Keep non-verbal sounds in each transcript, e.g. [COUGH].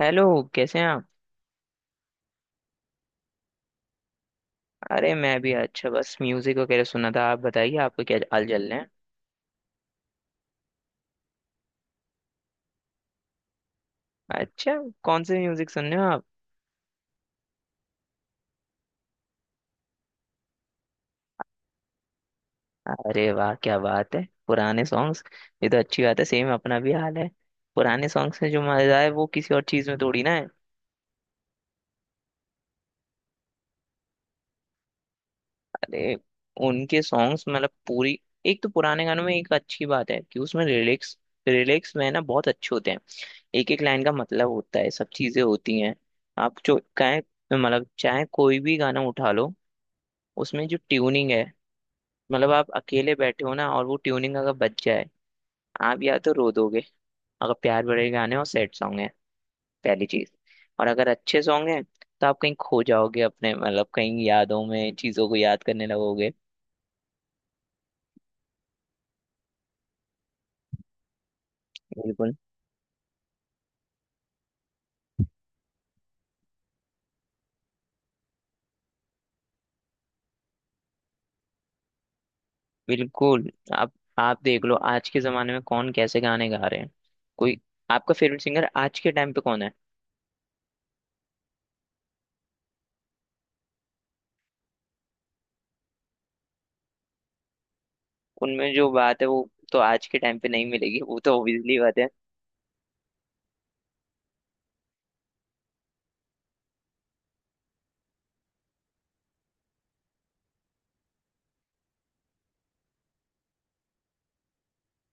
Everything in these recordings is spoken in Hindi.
हेलो। कैसे हैं आप? अरे मैं भी अच्छा, बस म्यूजिक वगैरह सुना था। आप बताइए आपको क्या हाल चल रहे हैं? अच्छा। कौन से म्यूजिक सुन रहे हो आप? अरे वाह क्या बात है, पुराने सॉन्ग्स। ये तो अच्छी बात है, सेम अपना भी हाल है। पुराने सॉन्ग्स में जो मजा है वो किसी और चीज में थोड़ी ना है। अरे, उनके सॉन्ग्स मतलब पूरी। एक तो पुराने गानों में एक अच्छी बात है कि उसमें लिरिक्स, लिरिक्स में ना बहुत अच्छे होते हैं। एक एक लाइन का मतलब होता है, सब चीजें होती हैं। आप जो चाहे, मतलब चाहे कोई भी गाना उठा लो, उसमें जो ट्यूनिंग है, मतलब आप अकेले बैठे हो ना, और वो ट्यूनिंग अगर बच जाए, आप या तो रो दोगे अगर प्यार भरे गाने और सैड सॉन्ग है, पहली चीज। और अगर अच्छे सॉन्ग हैं तो आप कहीं खो जाओगे अपने, मतलब कहीं यादों में चीजों को याद करने लगोगे। बिल्कुल बिल्कुल। आप देख लो आज के जमाने में कौन कैसे गाने गा रहे हैं। कोई, आपका फेवरेट सिंगर आज के टाइम पे कौन है? उनमें जो बात है वो तो आज के टाइम पे नहीं मिलेगी, वो तो ऑब्वियसली बात है।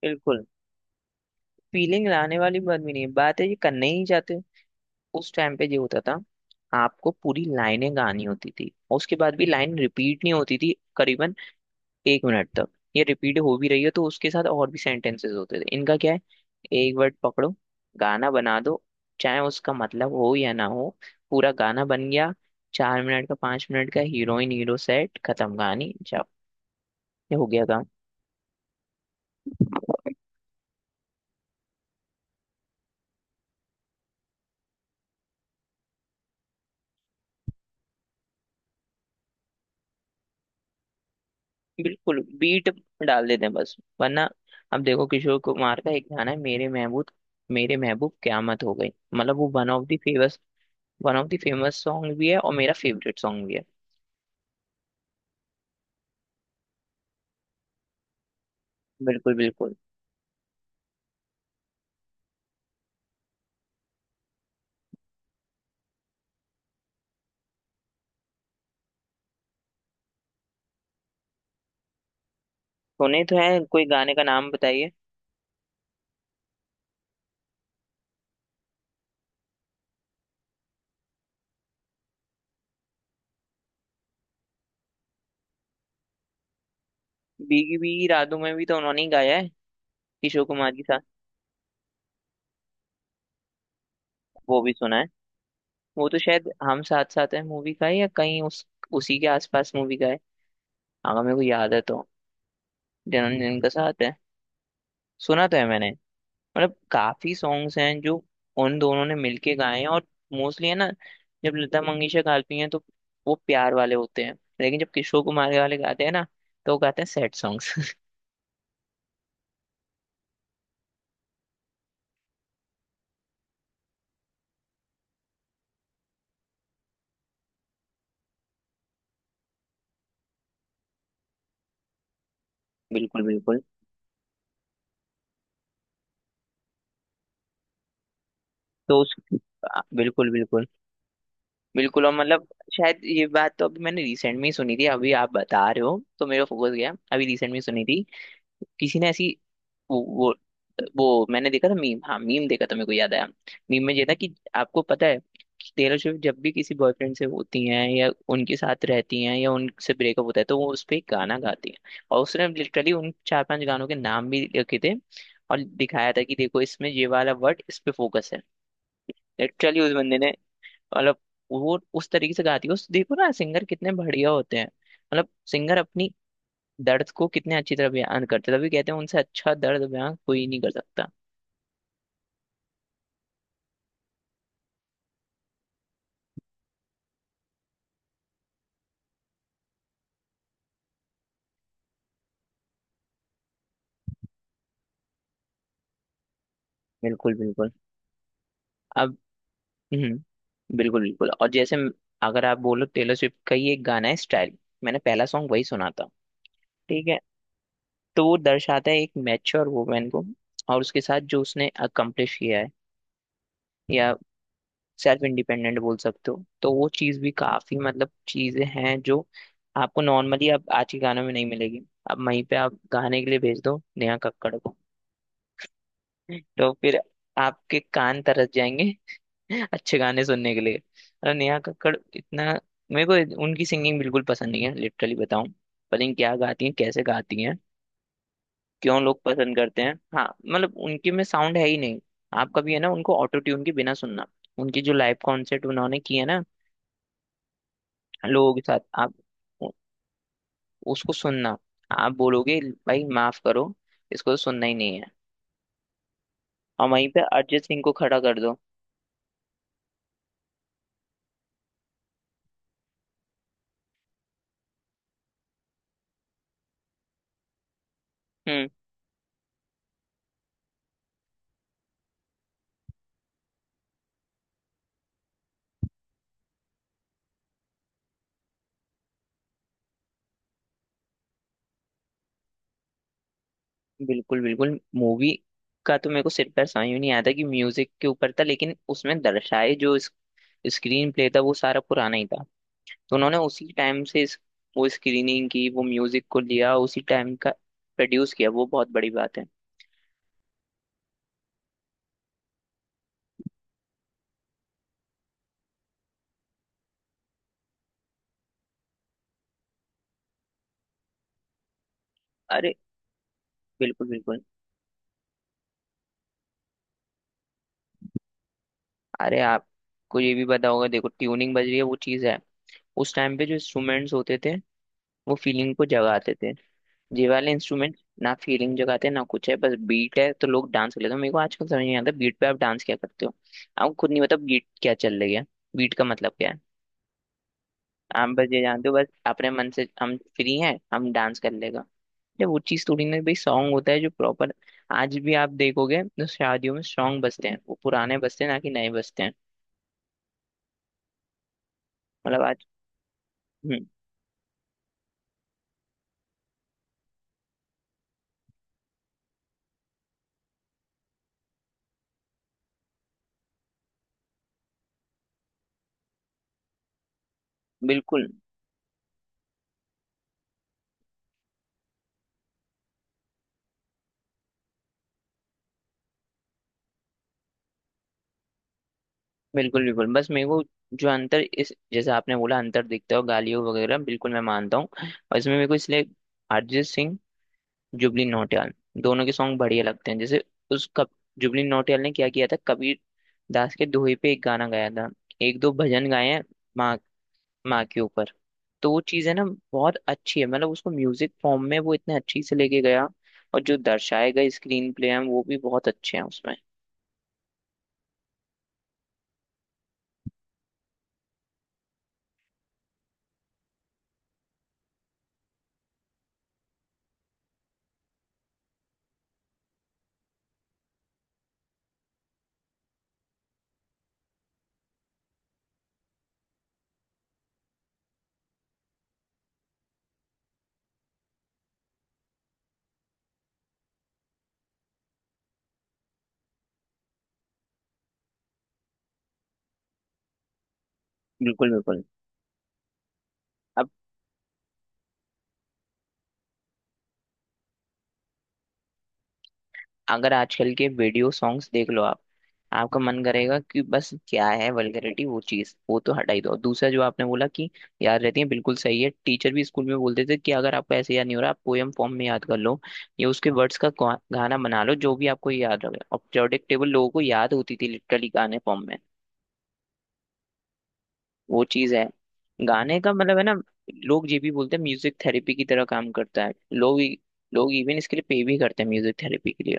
बिल्कुल। फीलिंग लाने वाली बात भी नहीं है, बात है ये करना ही नहीं चाहते। उस टाइम पे ये होता था, आपको पूरी लाइनें गानी होती थी और उसके बाद भी लाइन रिपीट नहीं होती थी करीबन एक मिनट तक। ये रिपीट हो भी रही है तो उसके साथ और भी सेंटेंसेस होते थे। इनका क्या है, एक वर्ड पकड़ो, गाना बना दो, चाहे उसका मतलब हो या ना हो, पूरा गाना बन गया। चार मिनट का, पांच मिनट का, हीरोइन हीरो सेट, खत्म कहानी, जाओ, ये हो गया काम। बिल्कुल, बीट डाल देते हैं बस, वरना। अब देखो, किशोर कुमार का एक गाना है, मेरे महबूब, मेरे महबूब क्यामत हो गई। मतलब वो one of the famous, one of the famous song भी है और मेरा फेवरेट सॉन्ग भी है। बिल्कुल बिल्कुल। सुने तो है, कोई गाने का नाम बताइए। भीगी भीगी रातों में भी तो उन्होंने ही गाया है, किशोर कुमार के साथ। वो भी सुना है। वो तो शायद हम साथ साथ है मूवी का है, या कहीं उस उसी के आसपास मूवी का है, अगर मेरे को याद है तो। जिन्होंने, जिनका साथ है। सुना तो है मैंने। मतलब काफी सॉन्ग्स हैं जो उन दोनों ने मिलके गाए हैं। और मोस्टली है ना, जब लता मंगेशकर गाती हैं तो वो प्यार वाले होते हैं, लेकिन जब किशोर कुमार वाले गाते हैं ना, तो वो गाते हैं सैड सॉन्ग्स। [LAUGHS] बिल्कुल बिल्कुल। तो उस, बिल्कुल बिल्कुल। बिल्कुल और मतलब, शायद ये बात तो अभी मैंने रिसेंट में ही सुनी थी। अभी आप बता रहे हो तो मेरा फोकस गया, अभी रिसेंट में सुनी थी। किसी ने ऐसी, वो वो वो मैंने देखा था, मीम, हाँ मीम देखा था, मेरे को याद आया। मीम में ये था कि आपको पता है कि टेलर स्विफ्ट जब भी किसी बॉयफ्रेंड से होती हैं या उनके साथ रहती हैं या उनसे ब्रेकअप होता है तो वो उस पर गाना गाती हैं। और उसने लिटरली उन चार पांच गानों के नाम भी लिखे थे और दिखाया था कि देखो इसमें ये वाला वर्ड, इस पे फोकस है। लिटरली उस बंदे ने, मतलब वो उस तरीके से गाती है। उस देखो ना, सिंगर कितने बढ़िया होते हैं, मतलब सिंगर अपनी दर्द को कितने अच्छी तरह बयान करते हैं। तभी कहते हैं उनसे अच्छा दर्द बयान कोई नहीं कर सकता। बिल्कुल बिल्कुल। अब, हम्म, बिल्कुल बिल्कुल। और जैसे अगर आप बोलो टेलर स्विफ्ट का ये गाना है, स्टाइल, मैंने पहला सॉन्ग वही सुना था, ठीक है। तो वो दर्शाता है एक मैच्योर वुमेन को और उसके साथ जो उसने अकम्प्लिश किया है, या सेल्फ इंडिपेंडेंट बोल सकते हो, तो वो चीज़ भी काफी, मतलब चीजें हैं जो आपको नॉर्मली अब आज के गानों में नहीं मिलेगी। अब वहीं पे आप गाने के लिए भेज दो नेहा कक्कड़ को, तो फिर आपके कान तरस जाएंगे। [LAUGHS] अच्छे गाने सुनने के लिए। अरे नेहा कक्कड़ इतना, मेरे को उनकी सिंगिंग बिल्कुल पसंद नहीं है। लिटरली बताऊं, पता नहीं क्या गाती हैं, कैसे गाती हैं, क्यों लोग पसंद करते हैं? हाँ मतलब उनके में साउंड है ही नहीं। आप कभी, है ना, उनको ऑटो ट्यून के बिना सुनना, उनकी जो लाइव कॉन्सर्ट उन्होंने किए है ना, लोगों के साथ, आप उ- उसको सुनना, आप बोलोगे भाई माफ करो, इसको तो सुनना ही नहीं है। और वहीं पे अरिजीत सिंह को खड़ा कर दो। हम्म, बिल्कुल बिल्कुल। मूवी का तो मेरे को सिर पैर समझ में नहीं आया था कि म्यूजिक के ऊपर था, लेकिन उसमें दर्शाए जो स्क्रीन प्ले था वो सारा पुराना ही था। तो उन्होंने उसी टाइम से वो स्क्रीनिंग की, वो म्यूजिक को लिया उसी टाइम का, प्रोड्यूस किया। वो बहुत बड़ी बात है। अरे बिल्कुल बिल्कुल। अरे आपको ये भी पता होगा, देखो ट्यूनिंग बज रही है वो चीज़ है, उस टाइम पे जो इंस्ट्रूमेंट्स होते थे वो फीलिंग को जगाते थे। ये वाले इंस्ट्रूमेंट ना फीलिंग जगाते ना कुछ है, बस बीट है तो लोग डांस कर लेते हैं। मेरे को आजकल समझ नहीं आता, बीट पे आप डांस क्या करते हो? आप खुद नहीं पता बीट क्या चल रही है, बीट का मतलब क्या है। आप बस ये जानते हो बस अपने मन से हम फ्री हैं, हम डांस कर लेगा। जब वो चीज़ थोड़ी ना, भाई सॉन्ग होता है जो प्रॉपर, आज भी आप देखोगे तो शादियों में सॉन्ग बजते हैं वो पुराने बजते हैं, ना कि नए बजते हैं। मतलब आज, हम्म, बिल्कुल बिल्कुल। बिल्कुल बस मेरे को, जो अंतर इस, जैसे आपने बोला अंतर दिखता है और गालियों वगैरह, बिल्कुल मैं मानता हूँ। और इसमें मेरे को इसलिए अरिजीत सिंह, जुबली नौटियाल, दोनों के सॉन्ग बढ़िया लगते हैं। जैसे उस कब जुबली नौटियाल ने क्या किया था, कबीर दास के दोहे पे एक गाना गाया था। एक दो भजन गाए हैं, माँ, माँ के ऊपर। तो वो चीज़ है ना, बहुत अच्छी है, मतलब उसको म्यूजिक फॉर्म में वो इतने अच्छी से लेके गया। और जो दर्शाए गए स्क्रीन प्ले हैं वो भी बहुत अच्छे हैं उसमें। बिल्कुल बिल्कुल। अगर आजकल के वीडियो सॉन्ग्स देख लो आप, आपका मन करेगा कि बस क्या है वल्गैरिटी, वो चीज वो तो हटा ही दो। दूसरा जो आपने बोला कि याद रहती है, बिल्कुल सही है। टीचर भी स्कूल में बोलते थे कि अगर आपको ऐसे याद नहीं हो रहा आप पोयम फॉर्म में याद कर लो, या उसके वर्ड्स का गाना बना लो जो भी आपको याद रहे। और प्रेडिक्टेबल लोगों को याद होती थी, लिटरली गाने फॉर्म में। वो चीज है, गाने का मतलब है ना। लोग ये भी बोलते हैं म्यूजिक थेरेपी की तरह काम करता है। लोग लोग इवन इसके लिए पे भी करते हैं, म्यूजिक थेरेपी के लिए।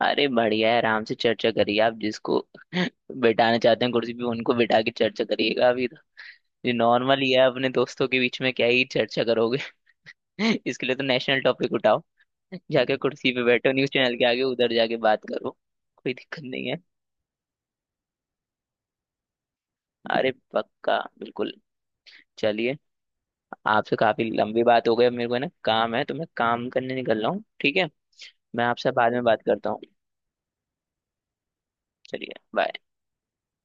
अरे बढ़िया है, आराम से चर्चा करिए। आप जिसको [LAUGHS] बिठाना चाहते हैं कुर्सी पे उनको बिठा के चर्चा करिएगा। अभी तो ये नॉर्मल ही है, अपने दोस्तों के बीच में क्या ही चर्चा करोगे। [LAUGHS] इसके लिए तो नेशनल टॉपिक उठाओ, जाके कुर्सी पे बैठो न्यूज चैनल के आगे, उधर जाके बात करो, कोई दिक्कत नहीं है। अरे पक्का बिल्कुल। चलिए, आपसे काफी लंबी बात हो गई। अब मेरे को है ना काम है, तो मैं काम करने निकल रहा हूँ, ठीक है। मैं आपसे बाद में बात करता हूँ। चलिए बाय।